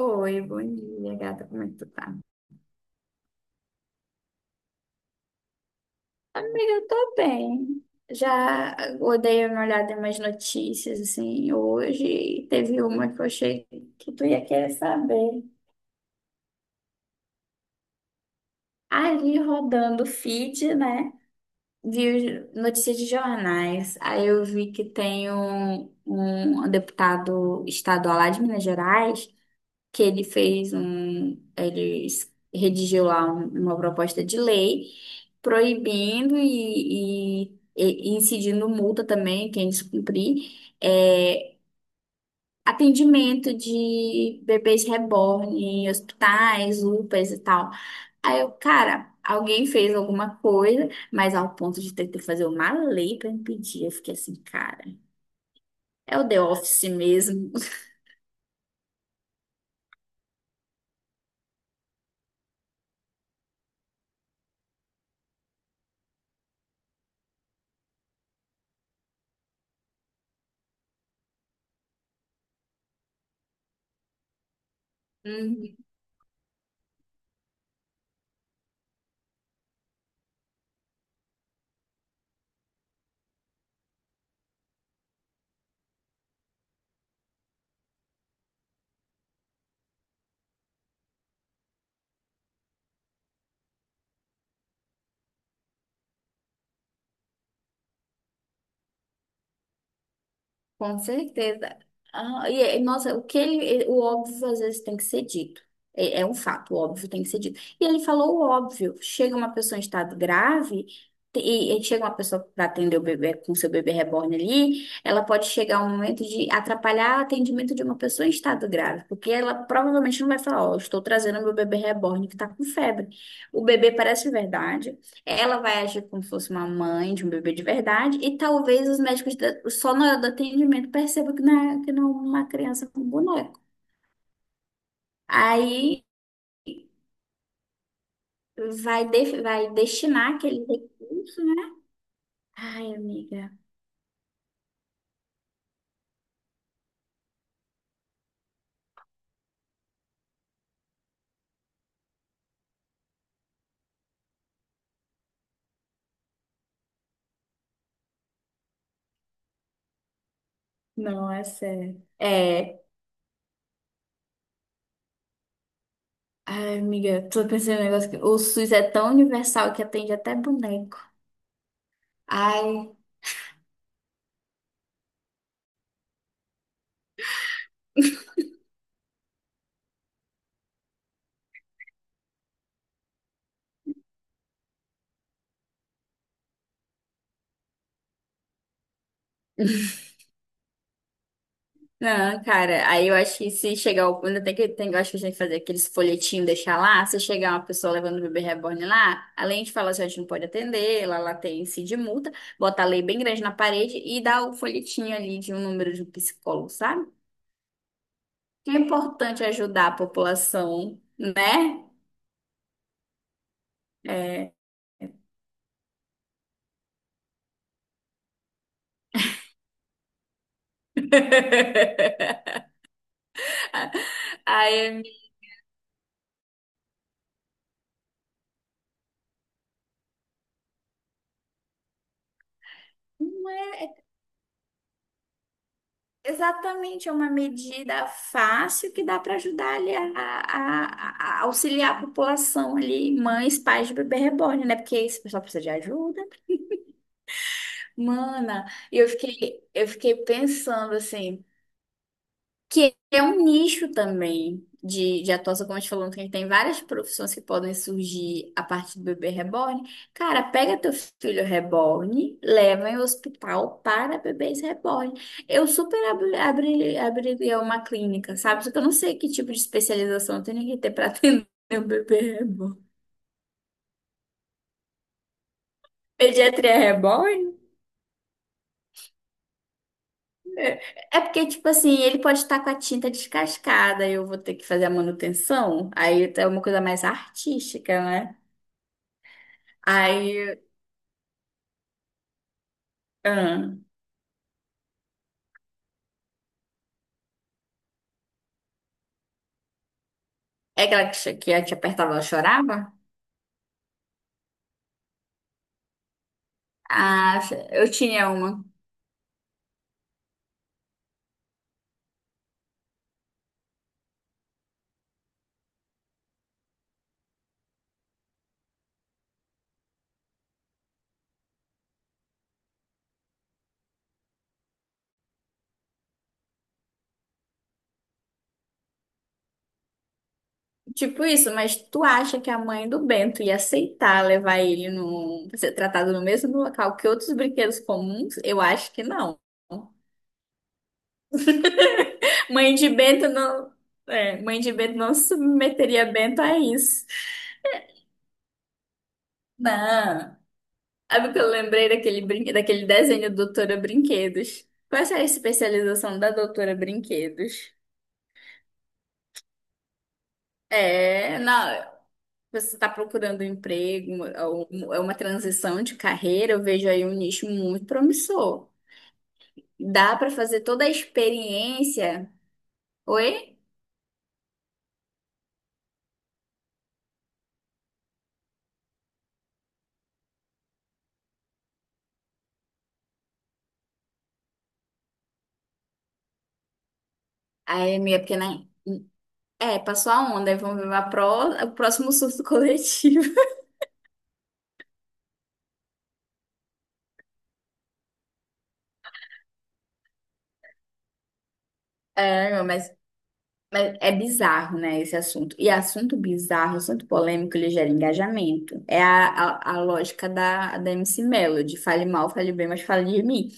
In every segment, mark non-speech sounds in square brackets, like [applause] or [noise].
Oi, bom dia, gata. Como é que tu tá? Amiga, eu tô bem. Já eu dei uma olhada em umas notícias assim hoje e teve uma que eu achei que tu ia querer saber. Ali rodando o feed, né? Vi notícias de jornais. Aí eu vi que tem um deputado estadual lá de Minas Gerais que ele fez um, ele es- redigiu lá uma proposta de lei proibindo e incidindo multa também, quem descumprir, é, atendimento de bebês reborn em hospitais, UPAs e tal. Aí eu, cara, alguém fez alguma coisa, mas ao ponto de ter que fazer uma lei para impedir, eu fiquei assim, cara, é o The Office mesmo. [laughs] Com certeza. Ah, nossa, o óbvio às vezes tem que ser dito. É, é um fato, o óbvio tem que ser dito. E ele falou o óbvio. Chega uma pessoa em estado grave, e chega uma pessoa para atender o bebê com seu bebê reborn ali, ela pode chegar um momento de atrapalhar o atendimento de uma pessoa em estado grave, porque ela provavelmente não vai falar, ó, estou trazendo meu bebê reborn que está com febre. O bebê parece verdade. Ela vai agir como se fosse uma mãe de um bebê de verdade, e talvez os médicos só na hora do atendimento percebam que não é uma criança com boneco. Aí vai destinar aquele recurso, né? Ai, amiga. Não, é sério. É. Ai, amiga, tô pensando em um negócio que o SUS é tão universal que atende até boneco. Ai. Não, cara, aí eu acho que se chegar o. Ainda eu acho que a gente tem que fazer aqueles folhetinhos, deixar lá. Se chegar uma pessoa levando o bebê reborn lá, além de falar assim, a gente não pode atender, lá tem índice de multa, bota a lei bem grande na parede e dá o folhetinho ali de um número de um psicólogo, sabe? Que é importante ajudar a população, né? É. [laughs] Aí, exatamente, é uma medida fácil que dá para ajudar ali a auxiliar a população ali, mães, pais de bebê reborn, né? Porque esse pessoal precisa de ajuda. Mana, e eu fiquei pensando assim que é um nicho também de atuação, como a gente falou, que tem várias profissões que podem surgir a partir do bebê reborn. Cara, pega teu filho reborn, leva em hospital para bebês reborn. Eu super abriria uma clínica, sabe? Só que eu não sei que tipo de especialização eu tenho que ter para [laughs] atender um bebê reborn. Pediatria é reborn? É é porque, tipo assim, ele pode estar com a tinta descascada, eu vou ter que fazer a manutenção. Aí é uma coisa mais artística, né? Aí, ah, é aquela que a te apertava, ela chorava? Ah, eu tinha uma. Tipo isso, mas tu acha que a mãe do Bento ia aceitar levar ele pra ser tratado no mesmo local que outros brinquedos comuns? Eu acho que não. [laughs] Mãe de Bento não, Mãe de Bento não submeteria Bento a isso. Não. Sabe o que eu lembrei daquele desenho Doutora Brinquedos? Qual é a especialização da Doutora Brinquedos? É, não. Você está procurando um emprego, é uma transição de carreira, eu vejo aí um nicho muito promissor. Dá para fazer toda a experiência. Oi? Aí, minha pequena. É, passou a onda, aí vamos ver o próximo surto coletivo. [laughs] É, não, mas é bizarro, né, esse assunto. E assunto bizarro, assunto polêmico, ele gera engajamento. É a lógica da MC Melody. Fale mal, fale bem, mas fale de mim.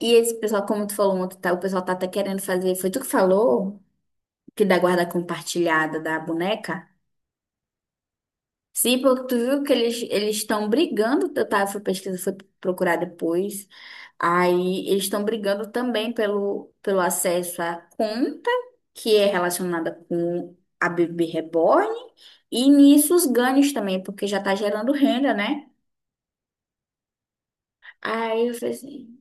E esse pessoal, como tu falou ontem, tá, o pessoal tá até querendo fazer. Foi tu que falou? Que da guarda compartilhada da boneca. Sim, porque tu viu que eles estão brigando, eu tava fui pesquisa fui procurar depois. Aí eles estão brigando também pelo acesso à conta, que é relacionada com a bebê reborn, e nisso os ganhos também, porque já tá gerando renda, né? Aí eu falei assim,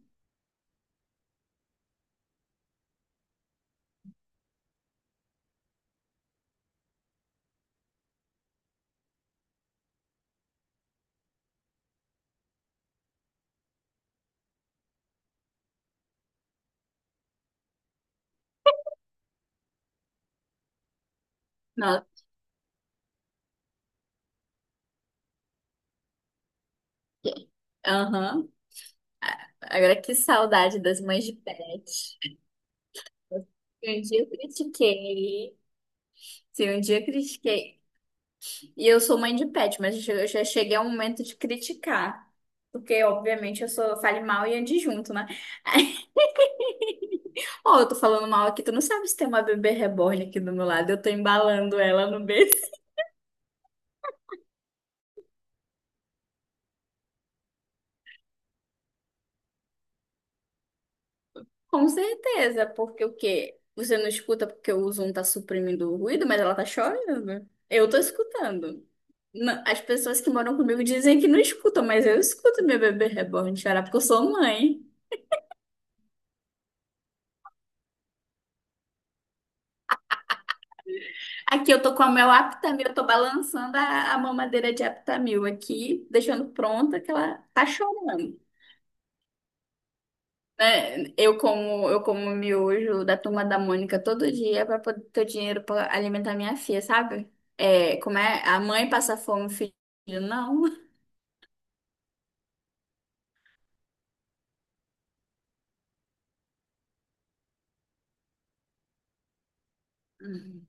não, aham. Agora que saudade das mães de pet. Se um dia eu critiquei, se um dia eu critiquei e eu sou mãe de pet, mas eu já cheguei ao momento de criticar. Porque, obviamente, eu sou fale mal e adjunto, né? [laughs] Ó, eu tô falando mal aqui, tu não sabe se tem uma bebê reborn aqui do meu lado, eu tô embalando ela no berço. [laughs] Com certeza, porque o quê? Você não escuta porque o Zoom tá suprimindo o ruído, mas ela tá chorando. Eu tô escutando. Não, as pessoas que moram comigo dizem que não escutam, mas eu escuto minha bebê reborn chorar porque eu sou mãe. Aqui eu tô com o meu Aptamil, eu tô balançando a mamadeira de Aptamil aqui, deixando pronta que ela tá chorando. Né? Eu como miojo da Turma da Mônica todo dia pra poder ter o dinheiro pra alimentar minha filha, sabe? É, como é? A mãe passa fome, o filho não. Uhum.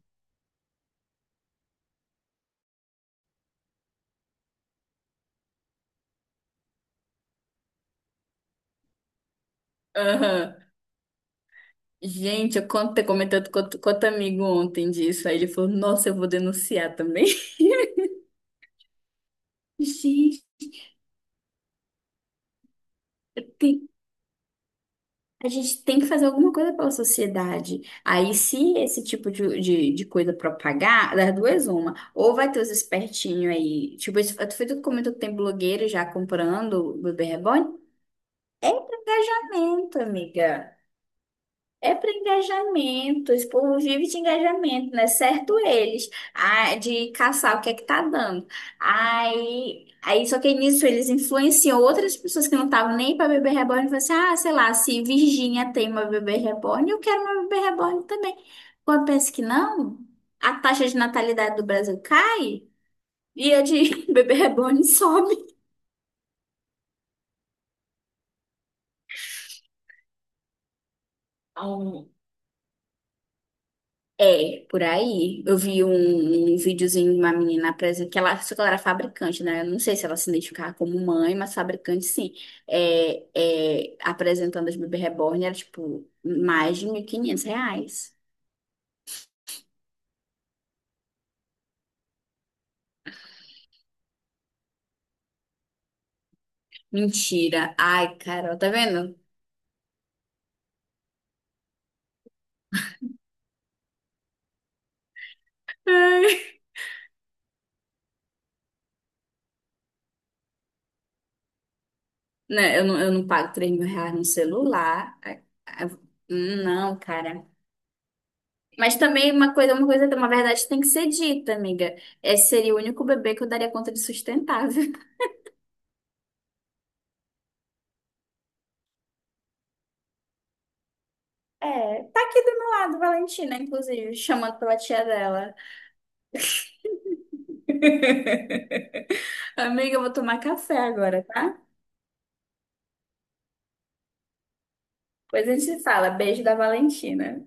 Aham. Gente, eu comentei com outro amigo ontem disso, aí ele falou, nossa, eu vou denunciar também. [laughs] Gente, tem a gente tem que fazer alguma coisa pela sociedade. Aí, se esse tipo de coisa propagar, das duas, uma. Ou vai ter os espertinhos aí. Tipo, isso- tu foi tu que comentou que tem blogueiro já comprando o bebê reborn? Lamento, amiga. É para engajamento, esse povo vive de engajamento, né? Certo eles, ah, de caçar o que é que tá dando. Aí, só que nisso eles influenciam outras pessoas que não estavam nem para bebê reborn e falam assim, ah, sei lá, se Virgínia tem uma bebê reborn, eu quero uma bebê reborn também. Quando pensa que não, a taxa de natalidade do Brasil cai e a de [laughs] bebê reborn sobe. É, por aí. Eu vi um videozinho de uma menina apresentando, só que ela era fabricante, né? Eu não sei se ela se identificava como mãe, mas fabricante sim. É, apresentando as bebê reborn, era tipo mais de 1.500 reais. Mentira. Ai, Carol, tá vendo? [laughs] Ai. Né, eu não pago 3 mil reais no celular. Ai, ai, não, cara. Mas também uma verdade tem que ser dita, amiga. Esse seria o único bebê que eu daria conta de sustentar. É, tá aqui do meu lado, Valentina, inclusive, chamando pela tia dela. Amiga, eu vou tomar café agora, tá? Depois a gente se fala. Beijo da Valentina.